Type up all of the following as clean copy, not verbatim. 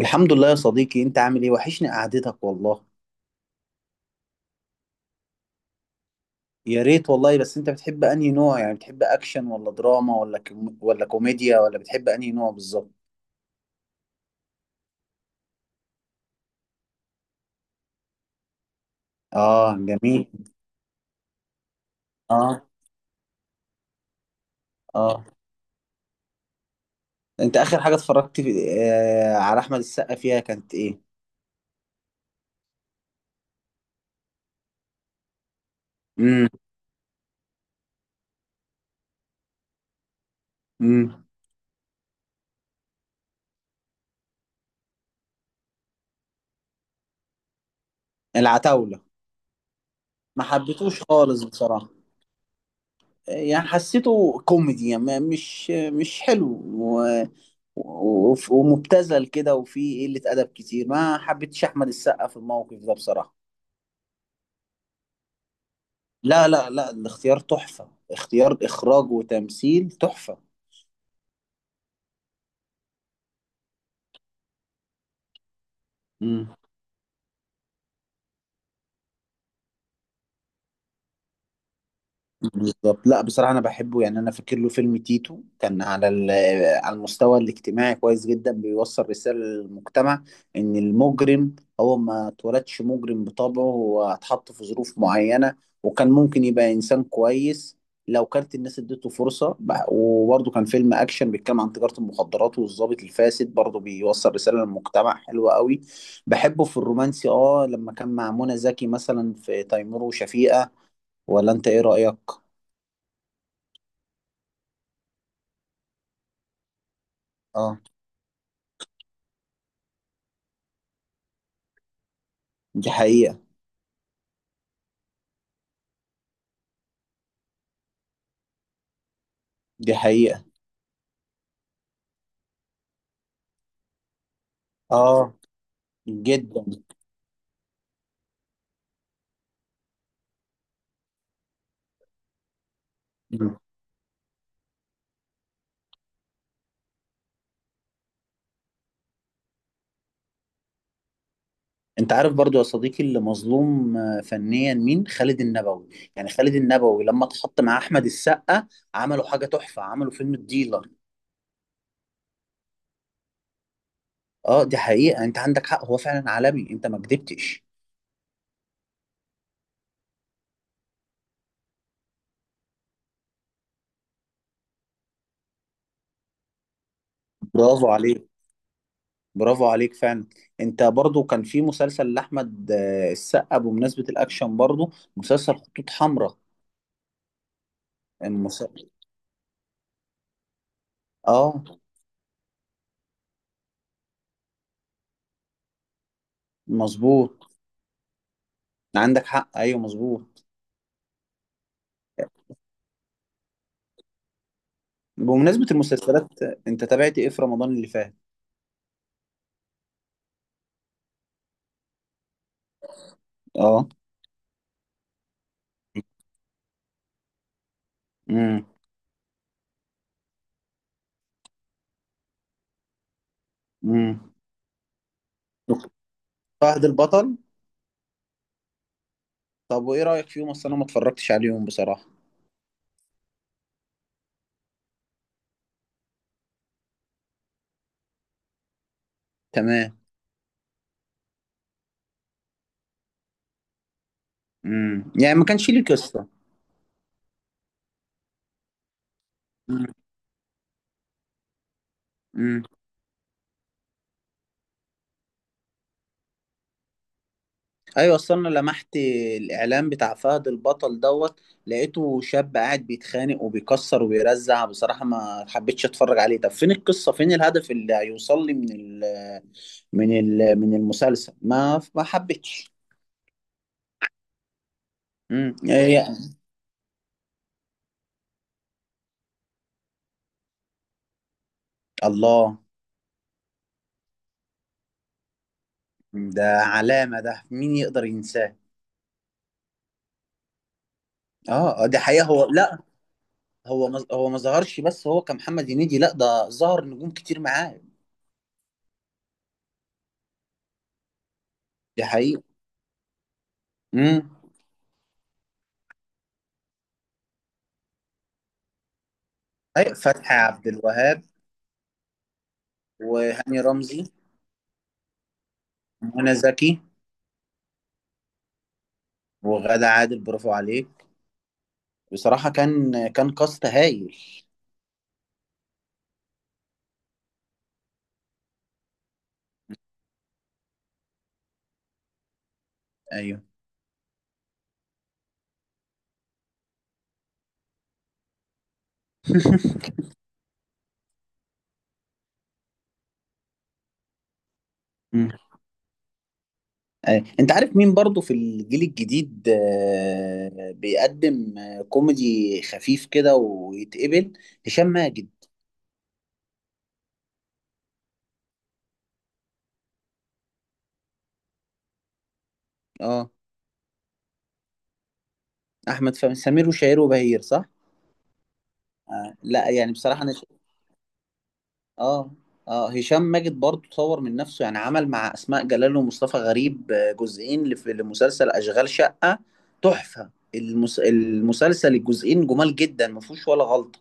الحمد لله يا صديقي، انت عامل ايه؟ وحشني قعدتك والله. يا ريت والله. بس انت بتحب انهي نوع؟ يعني بتحب اكشن ولا دراما ولا ولا كوميديا ولا بتحب انهي نوع بالظبط؟ اه، جميل. اه. اه انت اخر حاجة اتفرجت في... آه على احمد السقا فيها كانت ايه؟ امم. امم. العتاولة. ما حبيتوش خالص بصراحة. يعني حسيته كوميدي، يعني مش حلو ومبتذل كده، وفيه قلة أدب كتير. ما حبيتش أحمد السقا في الموقف ده بصراحة. لا لا لا، الاختيار تحفة، اختيار إخراج وتمثيل تحفة. مم. بالظبط. لا بصراحة أنا بحبه، يعني أنا فاكر له فيلم تيتو كان على على المستوى الاجتماعي كويس جدا، بيوصل رسالة للمجتمع إن المجرم هو ما اتولدش مجرم بطبعه، هو اتحط في ظروف معينة، وكان ممكن يبقى إنسان كويس لو كانت الناس اديته فرصة. وبرضه كان فيلم أكشن بيتكلم عن تجارة المخدرات والضابط الفاسد، برضه بيوصل رسالة للمجتمع حلوة قوي. بحبه في الرومانسي، آه لما كان مع منى زكي مثلا في تيمور وشفيقة. ولا أنت إيه رأيك؟ اه، دي حقيقة. دي حقيقة. اه، جدا. مم. انت عارف برضو يا صديقي اللي مظلوم فنيا مين؟ خالد النبوي. يعني خالد النبوي لما اتحط مع احمد السقا عملوا حاجة تحفة، عملوا فيلم الديلر. اه، دي حقيقة، انت عندك حق، هو فعلا عالمي، انت ما كدبتش. برافو عليك. برافو عليك فعلا. انت برضو كان في مسلسل لاحمد السقا، بمناسبة الاكشن برضو، مسلسل خطوط حمراء. المسلسل. اه، مظبوط. عندك حق، ايوه مظبوط. بمناسبة المسلسلات، انت تابعت ايه في رمضان اللي فات؟ اه. امم. امم. دكتور فهد البطل. طب وايه رأيك فيهم؟ اصل انا ما اتفرجتش عليهم بصراحة. تمام. امم، يعني ما كانش ليه قصة. امم. امم. ايوه، اصل انا لمحت الاعلان بتاع فهد البطل دوت، لقيته شاب قاعد بيتخانق وبيكسر وبيرزع. بصراحة ما حبيتش اتفرج عليه. طب فين القصة؟ فين الهدف اللي هيوصل لي من المسلسل؟ ما حبيتش. امم. إيه يعني؟ الله! ده علامة، ده مين يقدر ينساه؟ اه. دي حقيقة. هو لا، هو ما ظهرش بس، هو كمحمد هنيدي، لا ده ظهر نجوم كتير معاه. دي حقيقة. امم. ايوه، فتحي عبد الوهاب. وهاني رمزي. ومنى زكي. وغادة عادل، برافو عليك. بصراحة كان كاست هايل. ايوه. مم. أيوة. انت عارف مين برضو في الجيل الجديد بيقدم كوميدي خفيف كده ويتقبل؟ هشام ماجد. اه. احمد فهمي، سمير وشهير وبهير، صح؟ آه. لا يعني بصراحه انا اه. اه هشام ماجد برضه طور من نفسه، يعني عمل مع اسماء جلال ومصطفى غريب جزئين لمسلسل اشغال شقه. تحفه. المسلسل الجزئين جمال جدا، ما فيهوش ولا غلطه.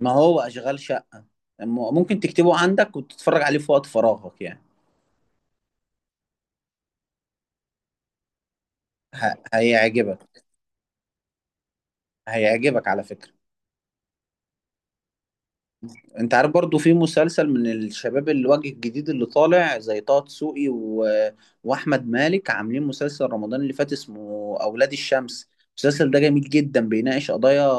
ما هو اشغال شقه. ممكن تكتبه عندك وتتفرج عليه في وقت فراغك يعني. هيعجبك. هيعجبك على فكره. انت عارف برضو في مسلسل من الشباب الوجه الجديد اللي طالع زي طه دسوقي واحمد مالك، عاملين مسلسل رمضان اللي فات اسمه اولاد الشمس. المسلسل ده جميل جدا، بيناقش قضايا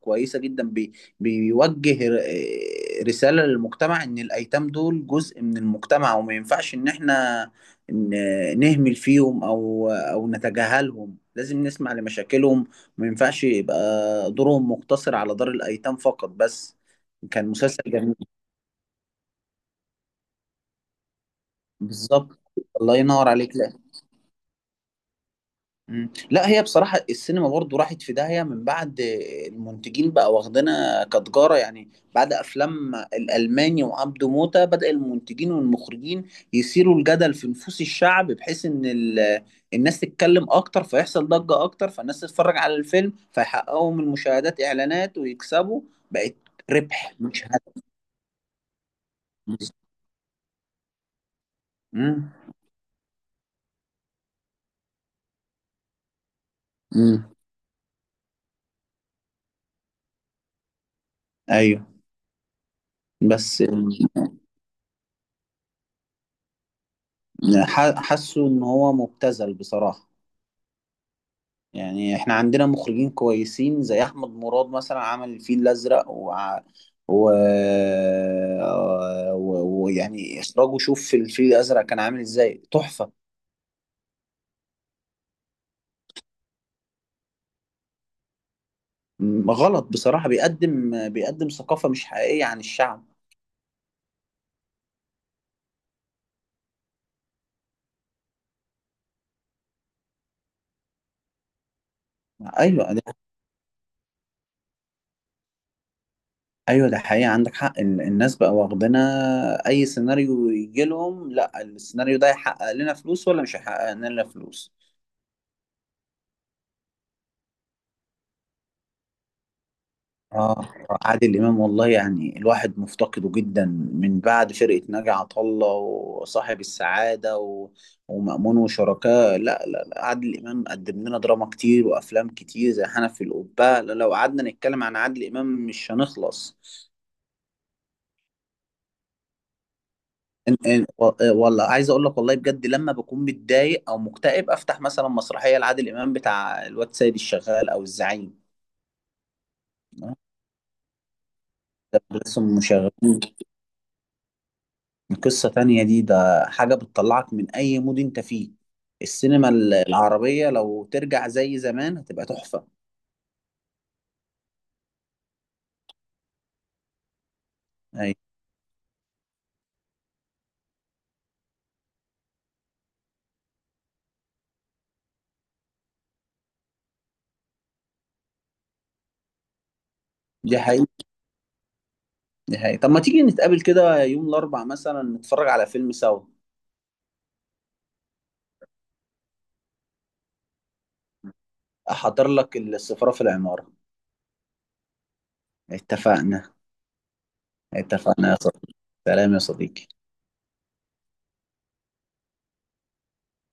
كويسة جدا، بيوجه ر... آه، رسالة للمجتمع ان الايتام دول جزء من المجتمع، وما ينفعش ان احنا نهمل فيهم او نتجاهلهم. لازم نسمع لمشاكلهم. ما ينفعش يبقى دورهم مقتصر على دار الايتام فقط بس. كان مسلسل جميل. بالظبط. الله ينور عليك. لا. مم. لا هي بصراحة السينما برضو راحت في داهية من بعد المنتجين بقى، واخدنا كتجارة يعني. بعد أفلام الألماني وعبده موتة، بدأ المنتجين والمخرجين يثيروا الجدل في نفوس الشعب، بحيث إن الناس تتكلم أكتر فيحصل ضجة أكتر فالناس تتفرج على الفيلم فيحققوا من المشاهدات إعلانات ويكسبوا. بقت ربح مش هدف. مم. مم. أيوه. بس حاسه ان هو مبتذل بصراحة. يعني احنا عندنا مخرجين كويسين زي احمد مراد مثلا، عمل الفيل الازرق و ويعني اخراجه، شوف في الفيل الازرق كان عامل ازاي تحفة. غلط بصراحة، بيقدم ثقافة مش حقيقية عن الشعب. ايوه ده ايوه ده حقيقة، عندك حق. الناس بقى واخدنا اي سيناريو يجي لهم، لا السيناريو ده هيحقق لنا فلوس ولا مش هيحقق لنا فلوس. اه، عادل امام والله يعني الواحد مفتقده جدا. من بعد فرقه ناجي عطا الله وصاحب السعاده ومأمون وشركاه. لا لا لا، عادل امام قدم لنا دراما كتير وافلام كتير زي حنف القبه. لا، لو قعدنا نتكلم عن عادل امام مش هنخلص. إيه، والله عايز اقول لك والله بجد، لما بكون متضايق او مكتئب افتح مثلا مسرحيه لعادل امام بتاع الواد سيد الشغال او الزعيم. آه، ده بس هم شغالين. قصة تانية دي، ده حاجة بتطلعك من أي مود أنت فيه. السينما العربية لو ترجع زي زمان هتبقى تحفة. أي، دي حقيقة. دي حقيقة. طب ما تيجي نتقابل كده يوم الأربع مثلا نتفرج على فيلم سوا؟ أحضر لك السفارة في العمارة. اتفقنا. اتفقنا يا صديقي. سلام يا صديقي.